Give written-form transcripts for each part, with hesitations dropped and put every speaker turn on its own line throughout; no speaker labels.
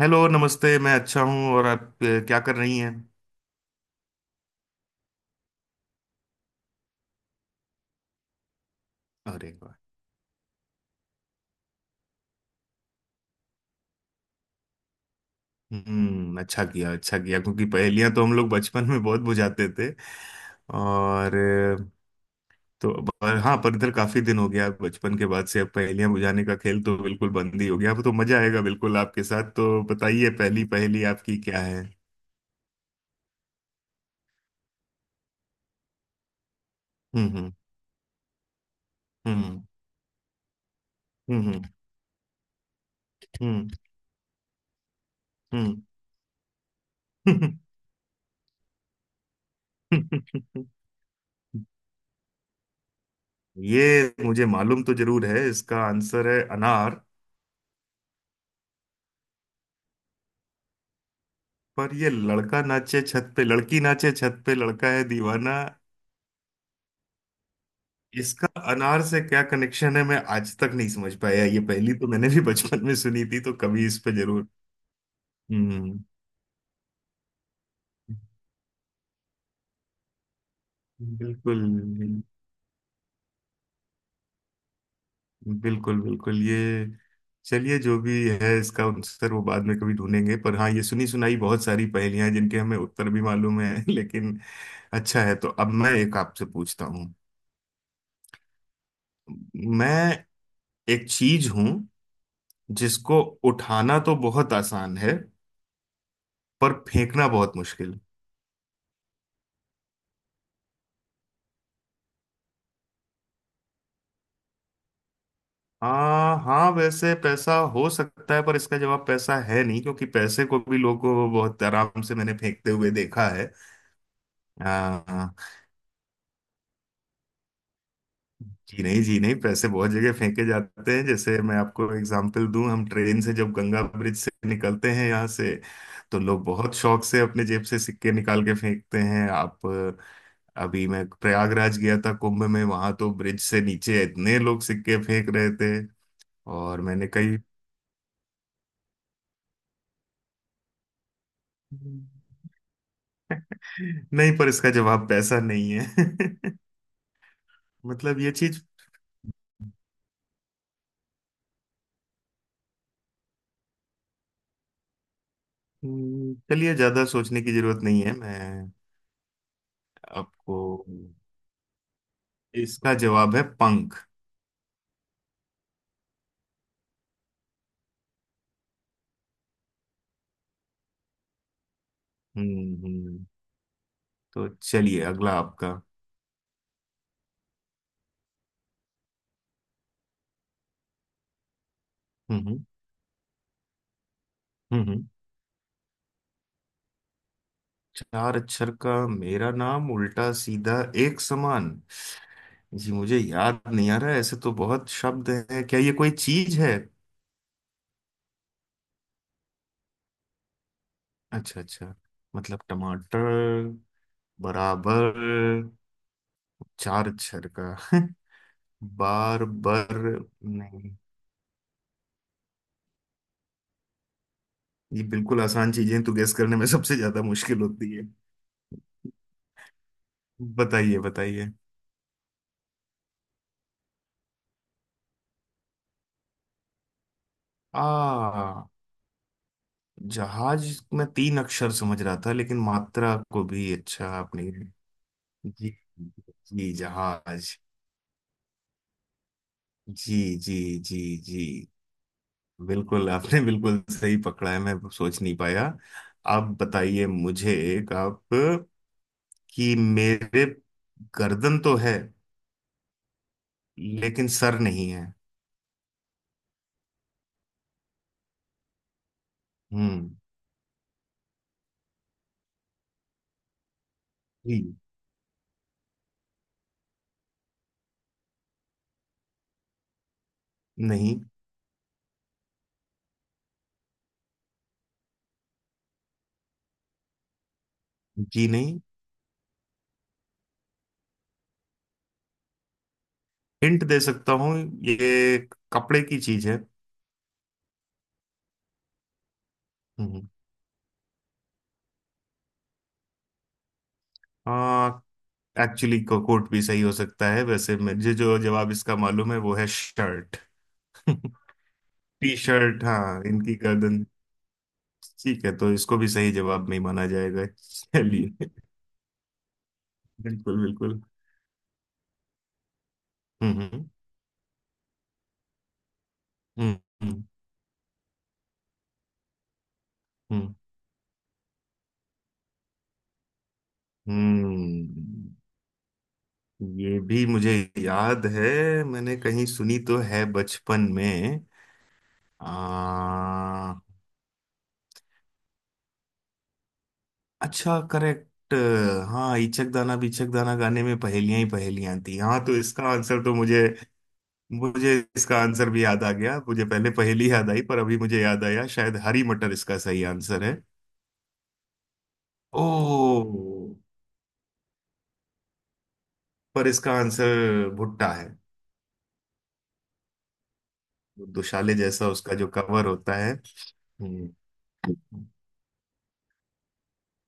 Hello नमस्ते। मैं अच्छा हूँ। और आप क्या कर रही हैं? अरे वाह। हम्म, अच्छा किया अच्छा किया, क्योंकि पहेलियां तो हम लोग बचपन में बहुत बुझाते थे। और हाँ पर इधर काफी दिन हो गया, बचपन के बाद से अब पहेलियां बुझाने का खेल तो बिल्कुल बंद ही हो गया। अब तो मजा आएगा बिल्कुल आपके साथ। तो बताइए, पहली पहेली आपकी क्या है? हम्म हम्म हम्म हम्म हम्म हम्म हम्म। ये मुझे मालूम तो जरूर है। इसका आंसर है अनार। पर ये लड़का नाचे छत पे, लड़की नाचे छत पे लड़का है दीवाना। इसका अनार से क्या कनेक्शन है मैं आज तक नहीं समझ पाया। ये पहली तो मैंने भी बचपन में सुनी थी, तो कभी इस पे जरूर। हम्म बिल्कुल बिल्कुल। बिल्कुल ये चलिए, जो भी है इसका आंसर वो बाद में कभी ढूंढेंगे। पर हाँ, ये सुनी सुनाई बहुत सारी पहेलियां हैं जिनके हमें उत्तर भी मालूम है लेकिन अच्छा है। तो अब मैं एक आपसे पूछता हूँ। मैं एक चीज हूं जिसको उठाना तो बहुत आसान है, पर फेंकना बहुत मुश्किल। आ, हाँ वैसे पैसा हो सकता है, पर इसका जवाब पैसा है नहीं, क्योंकि पैसे को भी लोगों को बहुत आराम से मैंने फेंकते हुए देखा है। हाँ, हाँ। जी नहीं जी नहीं, पैसे बहुत जगह फेंके जाते हैं। जैसे मैं आपको एग्जांपल दूं, हम ट्रेन से जब गंगा ब्रिज से निकलते हैं यहाँ से, तो लोग बहुत शौक से अपने जेब से सिक्के निकाल के फेंकते हैं। आप, अभी मैं प्रयागराज गया था कुंभ में, वहां तो ब्रिज से नीचे इतने लोग सिक्के फेंक रहे थे। और मैंने कई, नहीं पर इसका जवाब पैसा नहीं है मतलब ये चीज, चलिए ज्यादा सोचने की जरूरत नहीं है। मैं आपको इसका जवाब है पंख। हम्म हम्म तो चलिए अगला आपका। हम्म हम्म हम्म हम्म। चार अक्षर का मेरा नाम, उल्टा सीधा एक समान। जी मुझे याद नहीं आ रहा है, ऐसे तो बहुत शब्द है। क्या ये कोई चीज है? अच्छा अच्छा। मतलब टमाटर? बराबर? चार अक्षर का बार बर नहीं। ये बिल्कुल आसान चीजें तो गैस करने में सबसे ज्यादा मुश्किल होती है। बताइए बताइए। आ जहाज में तीन अक्षर समझ रहा था, लेकिन मात्रा को भी, अच्छा आपने। जी जी। जहाज। जी जी जी जी। बिल्कुल आपने बिल्कुल सही पकड़ा है, मैं सोच नहीं पाया। आप बताइए मुझे एक। आप कि मेरे गर्दन तो है, लेकिन सर नहीं है। हम्म। जी नहीं जी नहीं। हिंट दे सकता हूँ। ये कपड़े की चीज है। हम्म। आ, एक्चुअली कोट भी सही हो सकता है, वैसे मुझे जो जवाब इसका मालूम है वो है शर्ट। टी शर्ट हाँ इनकी गर्दन। ठीक है, तो इसको भी सही जवाब नहीं माना जाएगा, चलिए। बिल्कुल बिल्कुल। हम्म हम्म हम्म हम्म हम्म। हम्म, ये भी मुझे याद है, मैंने कहीं सुनी तो है बचपन में। आ, अच्छा करेक्ट। हाँ, इचक दाना बिचक दाना गाने में पहेलियां ही पहेलियां थी। हाँ, तो इसका आंसर तो मुझे, मुझे इसका आंसर भी याद आ गया। मुझे पहले पहेली याद आई पर अभी मुझे याद आया, शायद हरी मटर इसका सही आंसर है। ओ, पर इसका आंसर भुट्टा है। दुशाले जैसा उसका जो कवर होता है। हम्म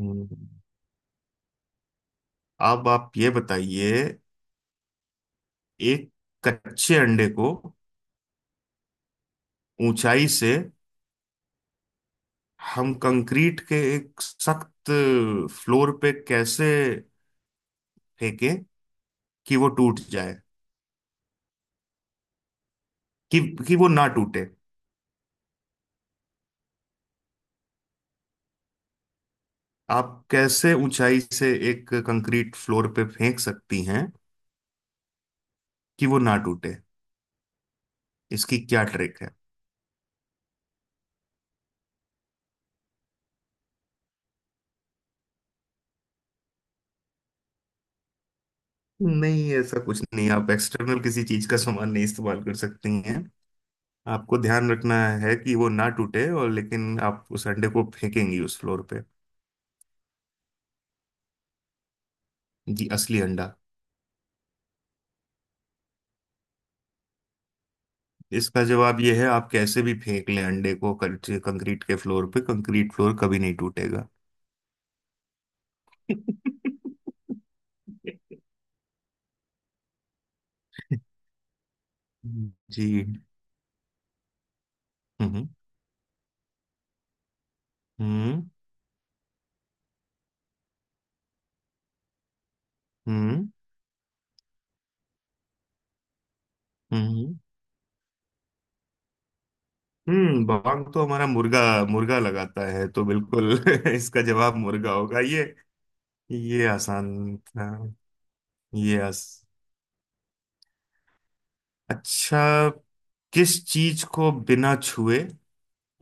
हम्म। अब आप ये बताइए, एक कच्चे अंडे को ऊंचाई से हम कंक्रीट के एक सख्त फ्लोर पे कैसे फेंकें कि वो टूट जाए कि कि वो ना टूटे? आप कैसे ऊंचाई से एक कंक्रीट फ्लोर पे फेंक सकती हैं कि वो ना टूटे, इसकी क्या ट्रिक है? नहीं ऐसा कुछ नहीं, आप एक्सटर्नल किसी चीज का सामान नहीं इस्तेमाल कर सकती हैं। आपको ध्यान रखना है कि वो ना टूटे, और लेकिन आप उस अंडे को फेंकेंगी उस फ्लोर पे। जी असली अंडा। इसका जवाब ये है, आप कैसे भी फेंक लें अंडे को कंक्रीट के फ्लोर पे, कंक्रीट फ्लोर कभी नहीं टूटेगा। जी। हम्म हम्म हम्म हम्म हम्म, बांग तो हमारा मुर्गा, मुर्गा लगाता है, तो बिल्कुल इसका जवाब मुर्गा होगा। ये आसान था। ये आस... अच्छा, किस चीज को बिना छुए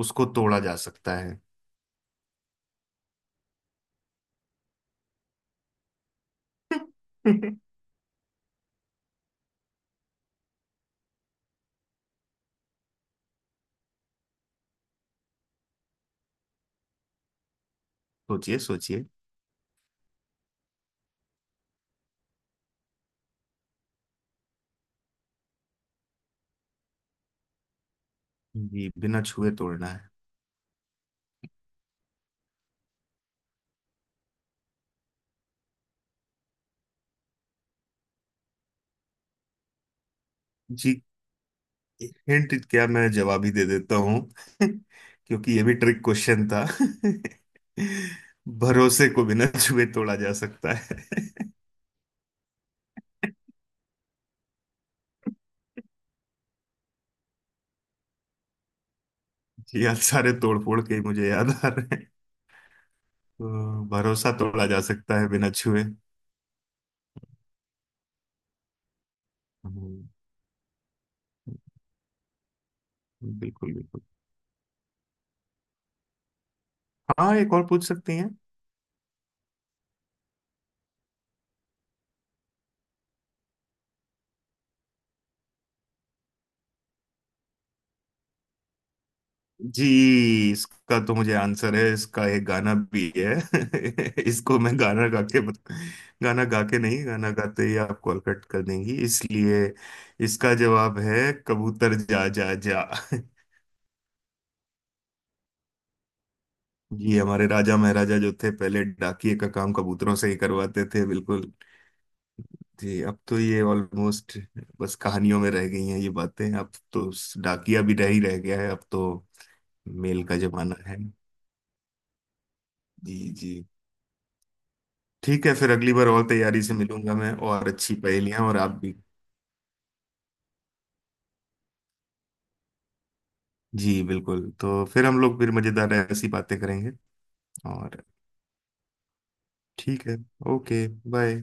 उसको तोड़ा जा सकता है? सोचिए सोचिए। जी बिना छुए तोड़ना है। जी, हिंट क्या मैं जवाब ही दे देता हूँ। क्योंकि ये भी ट्रिक क्वेश्चन था भरोसे को बिना छुए तोड़ा जा सकता है। जी आप सारे तोड़फोड़ के ही मुझे याद आ रहे हैं। तो भरोसा तोड़ा जा सकता है बिना छुए। हम्म, बिल्कुल बिल्कुल। हाँ, एक और पूछ सकती हैं। जी, इसका तो मुझे आंसर है, इसका एक गाना भी है इसको मैं गाना गा के बत... गाना गा के नहीं, गाना गाते ही आप कॉल कट कर देंगी इसलिए इसका जवाब है कबूतर जा जा जा। जी, हमारे राजा महाराजा जो थे पहले, डाकिए का काम कबूतरों से ही करवाते थे, बिल्कुल। जी, अब तो ये ऑलमोस्ट बस कहानियों में रह गई हैं ये बातें। अब तो डाकिया भी नहीं रह गया है अब तो, मेल का जमाना है। जी जी। ठीक है, फिर अगली बार और तैयारी से मिलूंगा मैं, और अच्छी पहेलियां। और आप भी, जी बिल्कुल। तो फिर हम लोग फिर मजेदार ऐसी बातें करेंगे। और ठीक है, ओके। बाय।